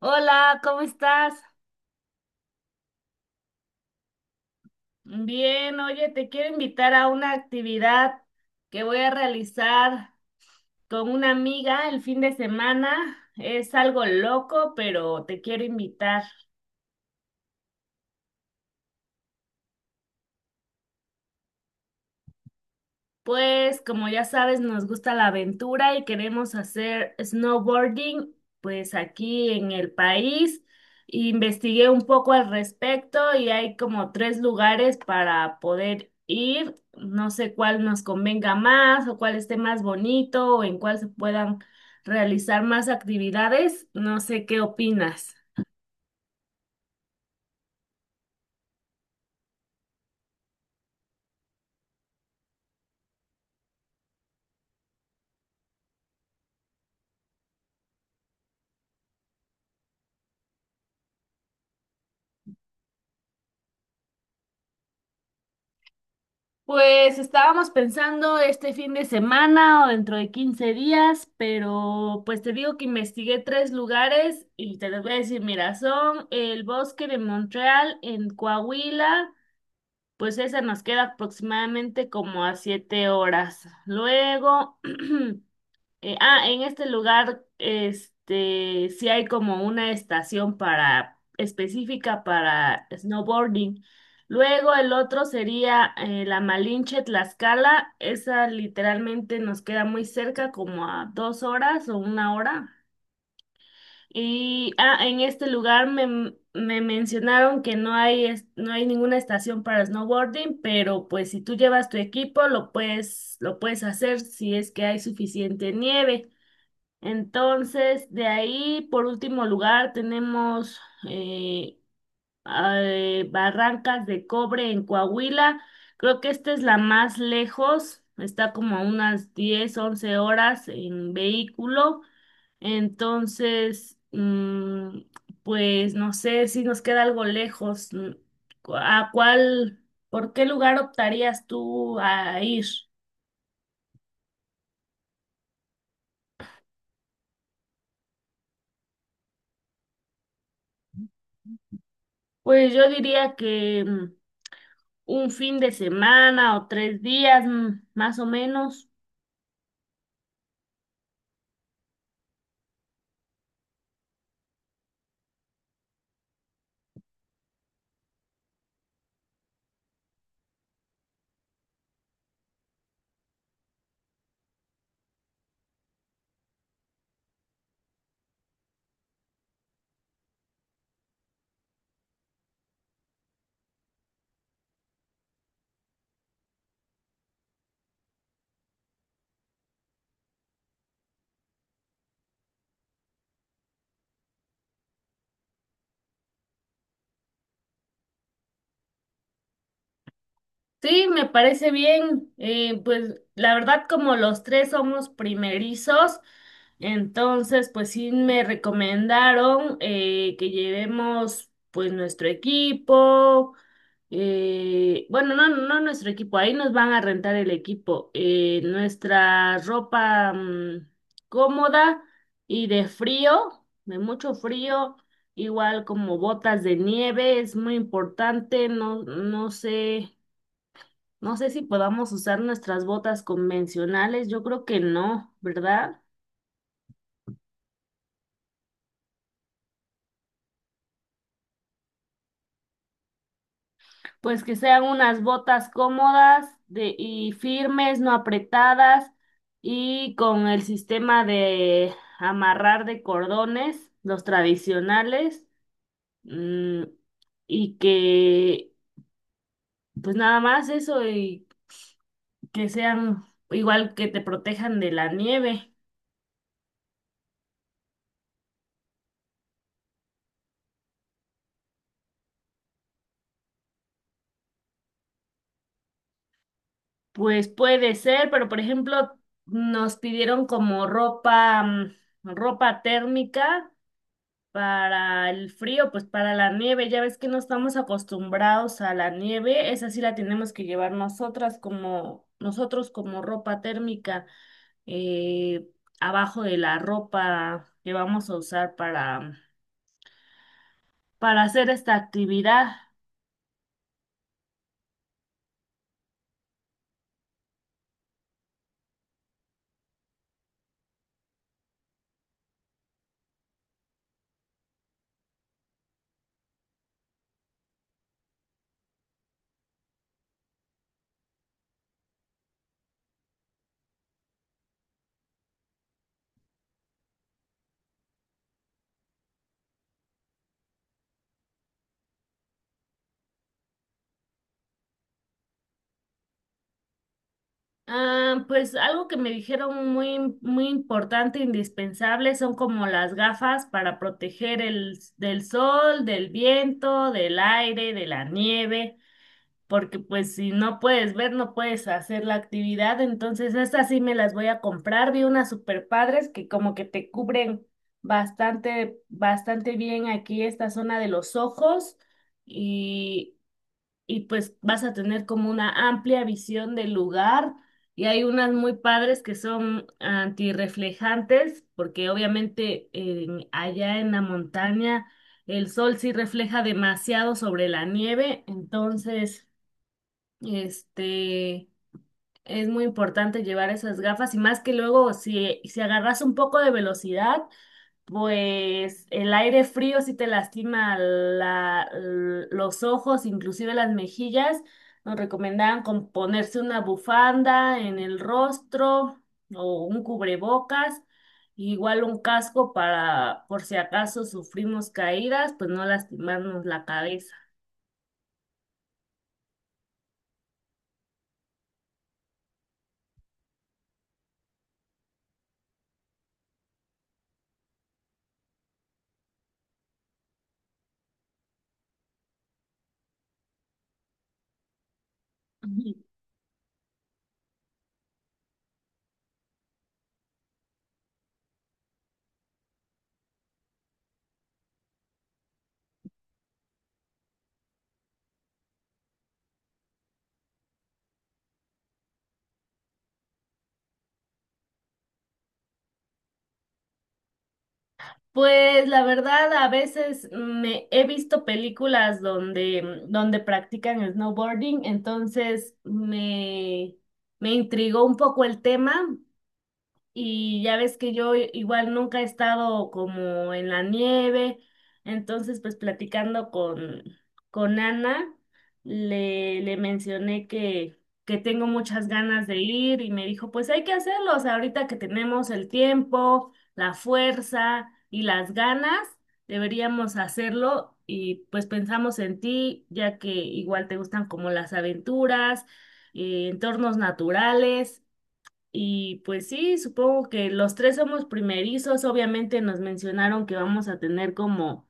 Hola, ¿cómo estás? Bien, oye, te quiero invitar a una actividad que voy a realizar con una amiga el fin de semana. Es algo loco, pero te quiero invitar. Pues como ya sabes, nos gusta la aventura y queremos hacer snowboarding, pues aquí en el país. Investigué un poco al respecto y hay como tres lugares para poder ir. No sé cuál nos convenga más o cuál esté más bonito o en cuál se puedan realizar más actividades. No sé qué opinas. Pues estábamos pensando este fin de semana o dentro de 15 días, pero pues te digo que investigué tres lugares y te los voy a decir, mira, son el bosque de Montreal en Coahuila, pues esa nos queda aproximadamente como a 7 horas. Luego en este lugar, sí hay como una estación para específica para snowboarding. Luego el otro sería la Malinche Tlaxcala. Esa literalmente nos queda muy cerca, como a 2 horas o una hora. Y en este lugar me mencionaron que no hay, no hay ninguna estación para snowboarding, pero pues si tú llevas tu equipo lo puedes hacer si es que hay suficiente nieve. Entonces, de ahí, por último lugar, tenemos eh, Barrancas de Cobre en Coahuila. Creo que esta es la más lejos, está como a unas 10 11 horas en vehículo. Entonces, pues no sé si nos queda algo lejos. ¿A cuál, por qué lugar optarías tú a ir? Pues yo diría que... un fin de semana o 3 días más o menos. Sí, me parece bien. Pues la verdad, como los tres somos primerizos, entonces pues sí me recomendaron que llevemos pues nuestro equipo. Bueno, no, no nuestro equipo, ahí nos van a rentar el equipo, nuestra ropa cómoda y de frío, de mucho frío, igual como botas de nieve, es muy importante, no, no sé, no sé si podamos usar nuestras botas convencionales, yo creo que no, ¿verdad? Pues que sean unas botas cómodas de, y firmes, no apretadas, y con el sistema de amarrar de cordones, los tradicionales, mm, y que, pues nada más eso, y que sean igual que te protejan de la nieve. Pues puede ser, pero por ejemplo, nos pidieron como ropa, ropa térmica para el frío, pues para la nieve, ya ves que no estamos acostumbrados a la nieve, esa sí la tenemos que llevar nosotras como nosotros como ropa térmica eh, abajo de la ropa que vamos a usar para hacer esta actividad. Ah, pues algo que me dijeron muy importante, indispensable, son como las gafas para proteger del sol, del viento, del aire, de la nieve. Porque pues si no puedes ver, no puedes hacer la actividad, entonces estas sí me las voy a comprar, vi unas super padres que como que te cubren bastante, bastante bien aquí esta zona de los ojos y, y pues vas a tener como una amplia visión del lugar. Y hay unas muy padres que son antirreflejantes, porque obviamente allá en la montaña el sol sí refleja demasiado sobre la nieve, entonces este, es muy importante llevar esas gafas, y más que luego si agarras un poco de velocidad, pues el aire frío sí te lastima los ojos, inclusive las mejillas. Nos recomendaban con ponerse una bufanda en el rostro o un cubrebocas, igual un casco para por si acaso sufrimos caídas, pues no lastimarnos la cabeza. Pues la verdad, a veces me he visto películas donde practican snowboarding, entonces me intrigó un poco el tema, y ya ves que yo igual nunca he estado como en la nieve, entonces pues platicando con Ana, le mencioné que tengo muchas ganas de ir, y me dijo, pues hay que hacerlo, o sea, ahorita que tenemos el tiempo, la fuerza y las ganas, deberíamos hacerlo, y pues pensamos en ti, ya que igual te gustan como las aventuras, entornos naturales. Y pues sí, supongo que los tres somos primerizos. Obviamente nos mencionaron que vamos a tener como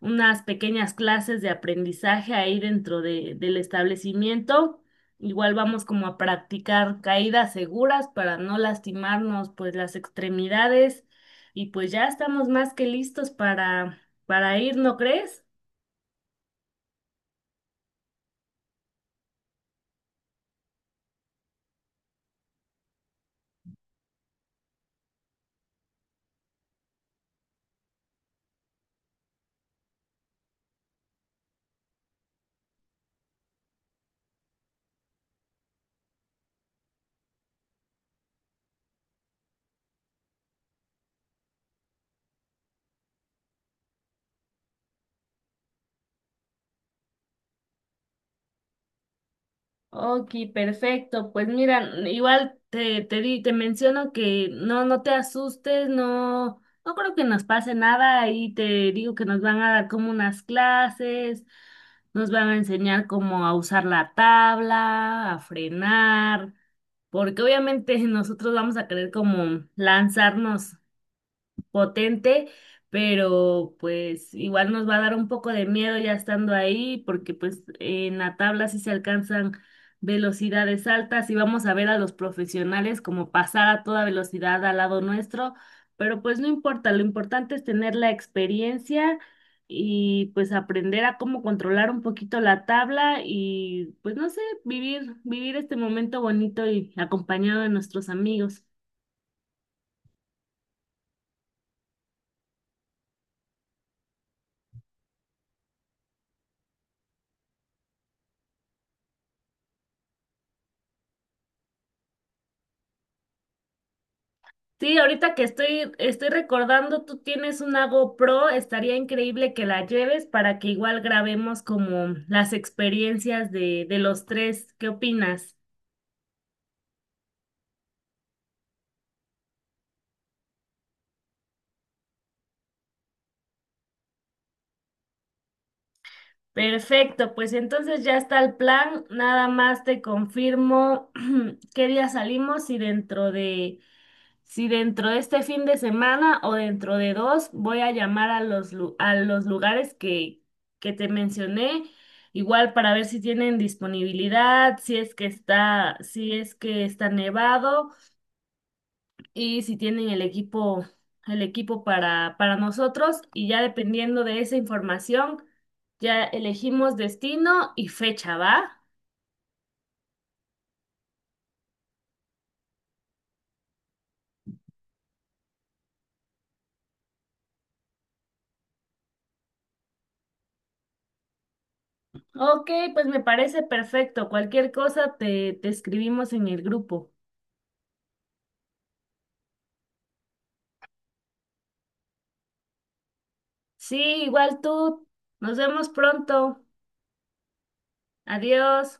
unas pequeñas clases de aprendizaje ahí del establecimiento. Igual vamos como a practicar caídas seguras para no lastimarnos pues las extremidades. Y pues ya estamos más que listos para ir, ¿no crees? Ok, perfecto. Pues mira, igual te menciono que no, no te asustes, no, no creo que nos pase nada. Ahí te digo que nos van a dar como unas clases, nos van a enseñar cómo a usar la tabla, a frenar, porque obviamente nosotros vamos a querer como lanzarnos potente, pero pues igual nos va a dar un poco de miedo ya estando ahí, porque pues en la tabla sí se alcanzan velocidades altas, y vamos a ver a los profesionales como pasar a toda velocidad al lado nuestro, pero pues no importa, lo importante es tener la experiencia y pues aprender a cómo controlar un poquito la tabla y pues no sé, vivir este momento bonito y acompañado de nuestros amigos. Sí, ahorita que estoy recordando, tú tienes una GoPro, estaría increíble que la lleves para que igual grabemos como las experiencias de los tres. ¿Qué opinas? Perfecto, pues entonces ya está el plan. Nada más te confirmo qué día salimos, y dentro de si dentro de este fin de semana o dentro de dos, voy a llamar a a los lugares que te mencioné, igual para ver si tienen disponibilidad, si es que está, si es que está nevado, y si tienen el equipo, para nosotros. Y ya dependiendo de esa información, ya elegimos destino y fecha, ¿va? Ok, pues me parece perfecto. Cualquier cosa te escribimos en el grupo. Sí, igual tú. Nos vemos pronto. Adiós.